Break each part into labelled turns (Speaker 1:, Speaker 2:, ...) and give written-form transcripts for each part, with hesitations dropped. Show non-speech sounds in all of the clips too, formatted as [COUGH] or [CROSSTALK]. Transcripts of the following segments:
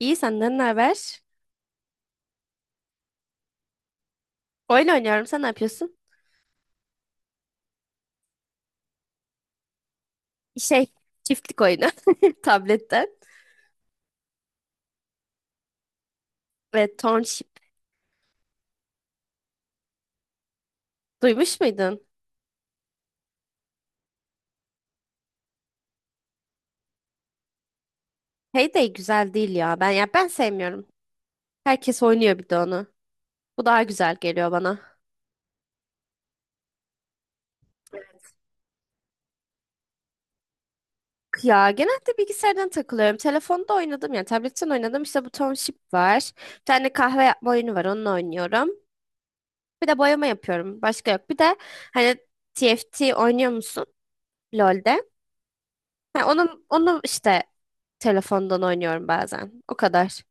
Speaker 1: İyi, senden ne haber? Oyun oynuyorum. Sen ne yapıyorsun? Şey, çiftlik oyunu [LAUGHS] tabletten ve Township. Duymuş muydun? Heyday güzel değil ya. Ben sevmiyorum. Herkes oynuyor bir de onu. Bu daha güzel geliyor bana. Ya genelde bilgisayardan takılıyorum. Telefonda oynadım ya. Tabletten oynadım. İşte bu Township var. Bir tane kahve yapma oyunu var. Onunla oynuyorum. Bir de boyama yapıyorum. Başka yok. Bir de hani TFT oynuyor musun? LoL'de. Onu işte telefondan oynuyorum bazen. O kadar.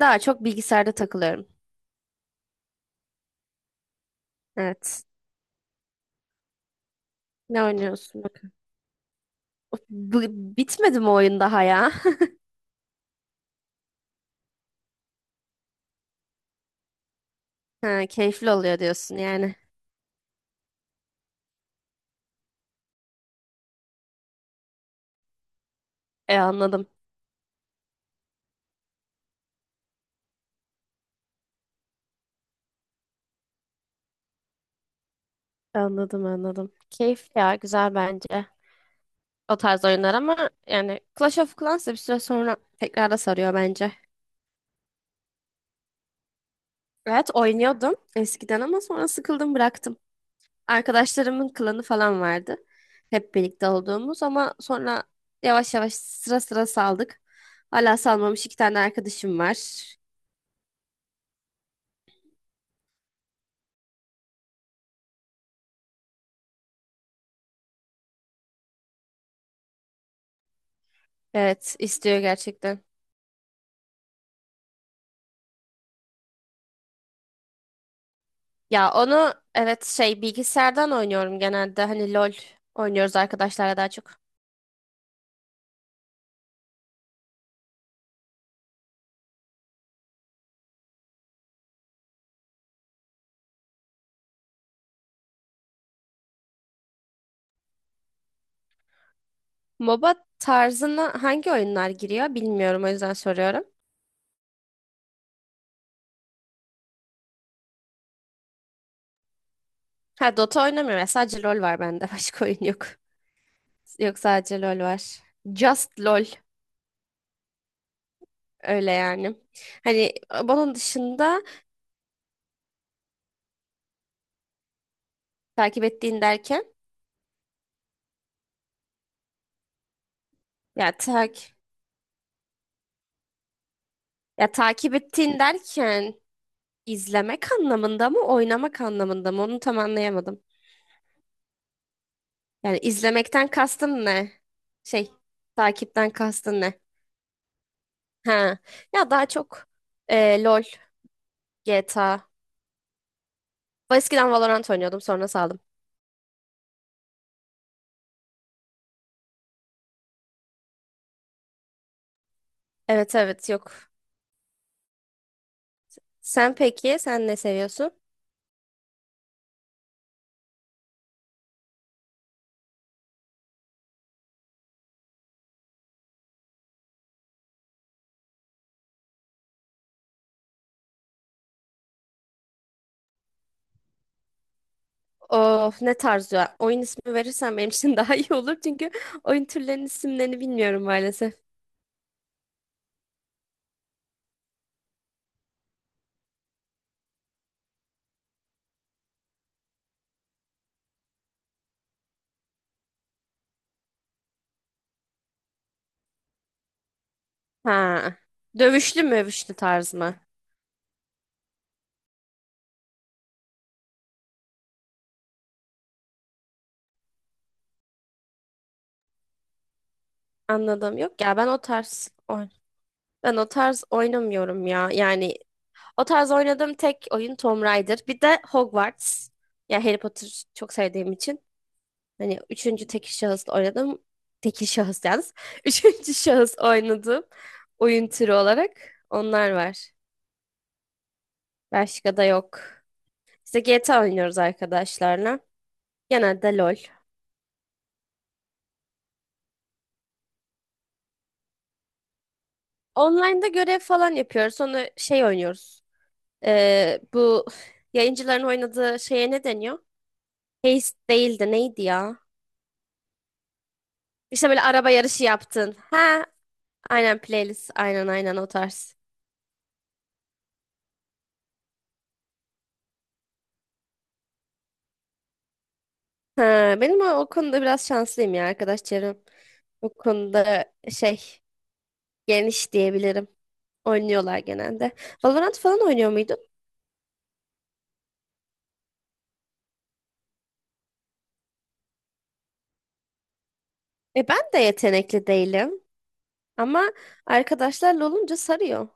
Speaker 1: Daha çok bilgisayarda takılıyorum. Evet. Ne oynuyorsun? Bak. Bitmedi mi oyun daha ya? [LAUGHS] Ha, keyifli oluyor diyorsun yani. E, anladım. Anladım, anladım. Keyif ya, güzel bence. O tarz oyunlar ama yani Clash of Clans da bir süre sonra tekrar da sarıyor bence. Evet, oynuyordum eskiden ama sonra sıkıldım, bıraktım. Arkadaşlarımın klanı falan vardı. Hep birlikte olduğumuz ama sonra yavaş yavaş sıra sıra saldık. Hala salmamış iki tane arkadaşım var. Evet, istiyor gerçekten. Ya onu evet şey bilgisayardan oynuyorum genelde. Hani LOL oynuyoruz arkadaşlarla daha çok. MOBA tarzına hangi oyunlar giriyor bilmiyorum, o yüzden soruyorum. Ha, Dota oynamıyorum. Sadece LOL var bende. [LAUGHS] Başka oyun yok. Yok, sadece LOL var. Just LOL, öyle yani. Hani bunun dışında. Takip ettiğin derken? Ya tak Ya takip ettiğin derken izlemek anlamında mı, oynamak anlamında mı? Onu tam anlayamadım. Yani izlemekten kastın ne? Şey, takipten kastın ne? Ha. Ya daha çok LOL, GTA. Ben eskiden Valorant oynuyordum, sonra saldım. Evet, evet. Yok. Sen peki, sen ne seviyorsun? Of, ne tarz ya? Oyun ismi verirsen benim için [LAUGHS] daha iyi olur, çünkü oyun türlerinin isimlerini bilmiyorum maalesef. Ha. Dövüşlü mövüşlü tarz mı? Anladım. Yok ya ben o tarz oy- Ben o tarz oynamıyorum ya. Yani o tarz oynadığım tek oyun Tomb Raider. Bir de Hogwarts. Ya, Harry Potter çok sevdiğim için. Hani üçüncü tekil şahıs oynadım. Tekil şahıs yalnız. [LAUGHS] Üçüncü şahıs oynadım. Oyun türü olarak onlar var. Başka da yok. İşte GTA oynuyoruz arkadaşlarla. Genelde LOL. Online'da görev falan yapıyoruz. Sonra şey oynuyoruz. Bu yayıncıların oynadığı şeye ne deniyor? Heist değildi, neydi ya? İşte böyle araba yarışı yaptın. Ha, aynen, playlist. Aynen, aynen, o tarz. Benim o konuda biraz şanslıyım ya, arkadaş çevrem. O konuda şey, geniş diyebilirim. Oynuyorlar genelde. Valorant falan oynuyor muydun? E, ben de yetenekli değilim. Ama arkadaşlarla olunca sarıyor.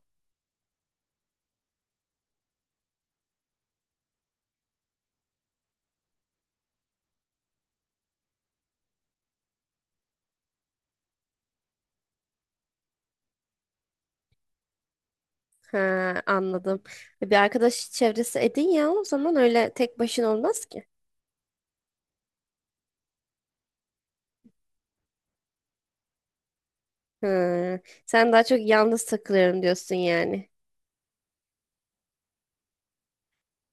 Speaker 1: Ha, anladım. Bir arkadaş çevresi edin ya o zaman, öyle tek başına olmaz ki. Hı. Sen daha çok yalnız takılıyorum diyorsun yani.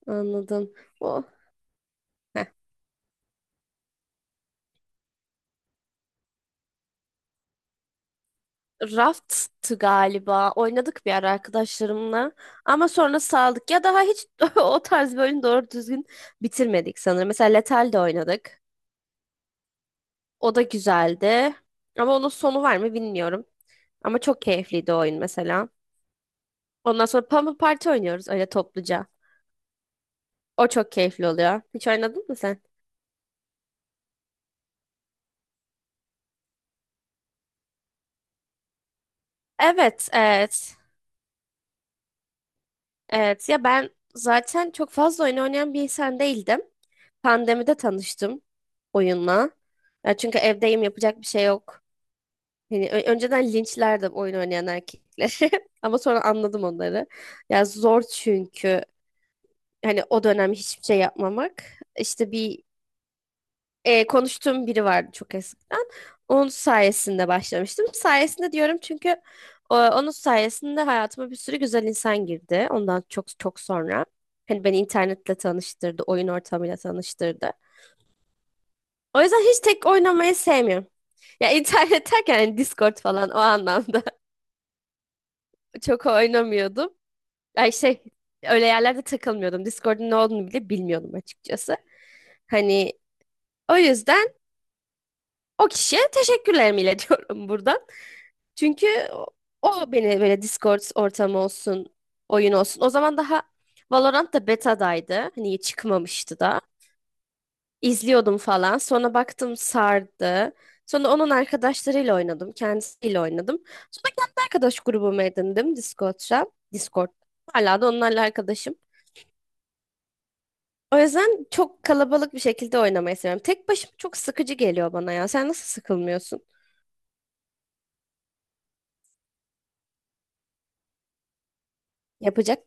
Speaker 1: Anladım. O. Heh. Raft'tı galiba. Oynadık bir ara arkadaşlarımla. Ama sonra saldık. Ya daha hiç [LAUGHS] o tarz bir oyunu doğru düzgün bitirmedik sanırım. Mesela Lethal de oynadık. O da güzeldi. Ama onun sonu var mı bilmiyorum. Ama çok keyifliydi o oyun mesela. Ondan sonra Pummel Party oynuyoruz öyle topluca. O çok keyifli oluyor. Hiç oynadın mı sen? Evet, evet. Evet ya, ben zaten çok fazla oyun oynayan bir insan değildim. Pandemide tanıştım oyunla. Ya çünkü evdeyim, yapacak bir şey yok. Hani önceden linçlerdim oyun oynayan erkekleri [LAUGHS] ama sonra anladım onları. Ya zor, çünkü hani o dönem hiçbir şey yapmamak. İşte bir konuştuğum biri vardı çok eskiden. Onun sayesinde başlamıştım. Sayesinde diyorum, çünkü onun sayesinde hayatıma bir sürü güzel insan girdi. Ondan çok çok sonra. Hani beni internetle tanıştırdı, oyun ortamıyla tanıştırdı. O yüzden hiç tek oynamayı sevmiyorum. Ya internet [LAUGHS] derken hani Discord falan o anlamda [LAUGHS] çok oynamıyordum. Ay şey, öyle yerlerde takılmıyordum. Discord'un ne olduğunu bile bilmiyordum açıkçası. Hani o yüzden o kişiye teşekkürlerimi iletiyorum [LAUGHS] buradan. Çünkü o o beni böyle, Discord ortamı olsun, oyun olsun. O zaman daha Valorant da beta'daydı. Hani çıkmamıştı da. İzliyordum falan. Sonra baktım sardı. Sonra onun arkadaşlarıyla oynadım. Kendisiyle oynadım. Sonra kendi arkadaş grubumu edindim Discord'da. Discord. Hala da onlarla arkadaşım. O yüzden çok kalabalık bir şekilde oynamayı seviyorum. Tek başıma çok sıkıcı geliyor bana ya. Sen nasıl sıkılmıyorsun? Yapacak.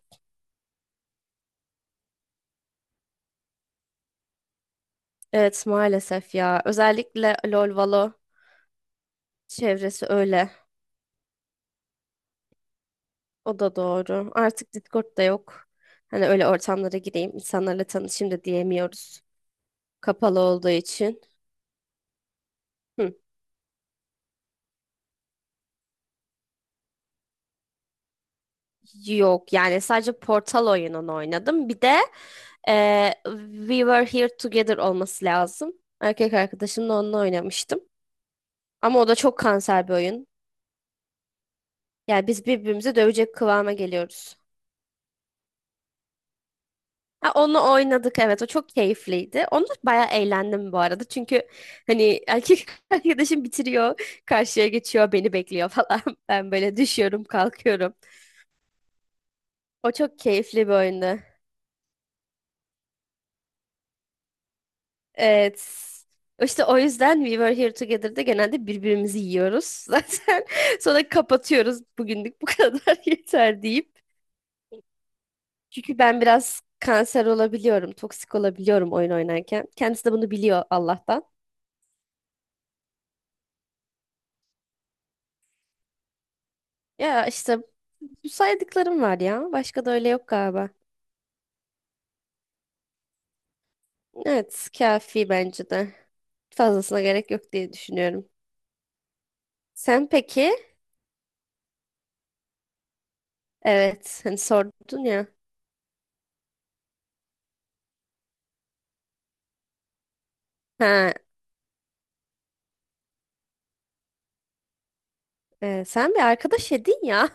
Speaker 1: Evet, maalesef ya. Özellikle LoL, Valo. Çevresi öyle. O da doğru. Artık Discord da yok. Hani öyle ortamlara gireyim, insanlarla tanışayım da diyemiyoruz. Kapalı olduğu için. Hı. Yok yani, sadece Portal oyununu oynadım. Bir de e, We Were Here Together olması lazım. Erkek arkadaşımla onunla oynamıştım. Ama o da çok kanser bir oyun. Yani biz birbirimizi dövecek kıvama geliyoruz. Ha, onu oynadık, evet, o çok keyifliydi. Onu bayağı eğlendim bu arada. Çünkü hani erkek [LAUGHS] arkadaşım bitiriyor, karşıya geçiyor, beni bekliyor falan. [LAUGHS] Ben böyle düşüyorum, kalkıyorum. O çok keyifli bir oyundu. Evet. İşte o yüzden We Were Here Together'da genelde birbirimizi yiyoruz [LAUGHS] zaten. Sonra kapatıyoruz. Bugünlük bu kadar [LAUGHS] yeter deyip. Çünkü ben biraz kanser olabiliyorum, toksik olabiliyorum oyun oynarken. Kendisi de bunu biliyor Allah'tan. Ya işte bu saydıklarım var ya. Başka da öyle yok galiba. Evet, kafi bence de. Fazlasına gerek yok diye düşünüyorum. Sen peki? Evet, hani sordun ya. Ha, sen bir arkadaş edin ya.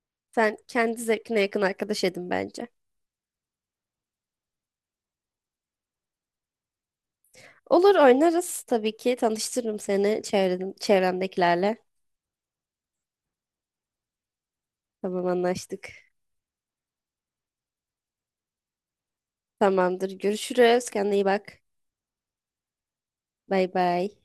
Speaker 1: [LAUGHS] Sen kendi zevkine yakın arkadaş edin bence. Olur, oynarız tabii ki. Tanıştırırım seni çevredim, çevremdekilerle. Tamam, anlaştık. Tamamdır. Görüşürüz. Kendine iyi bak. Bay bay.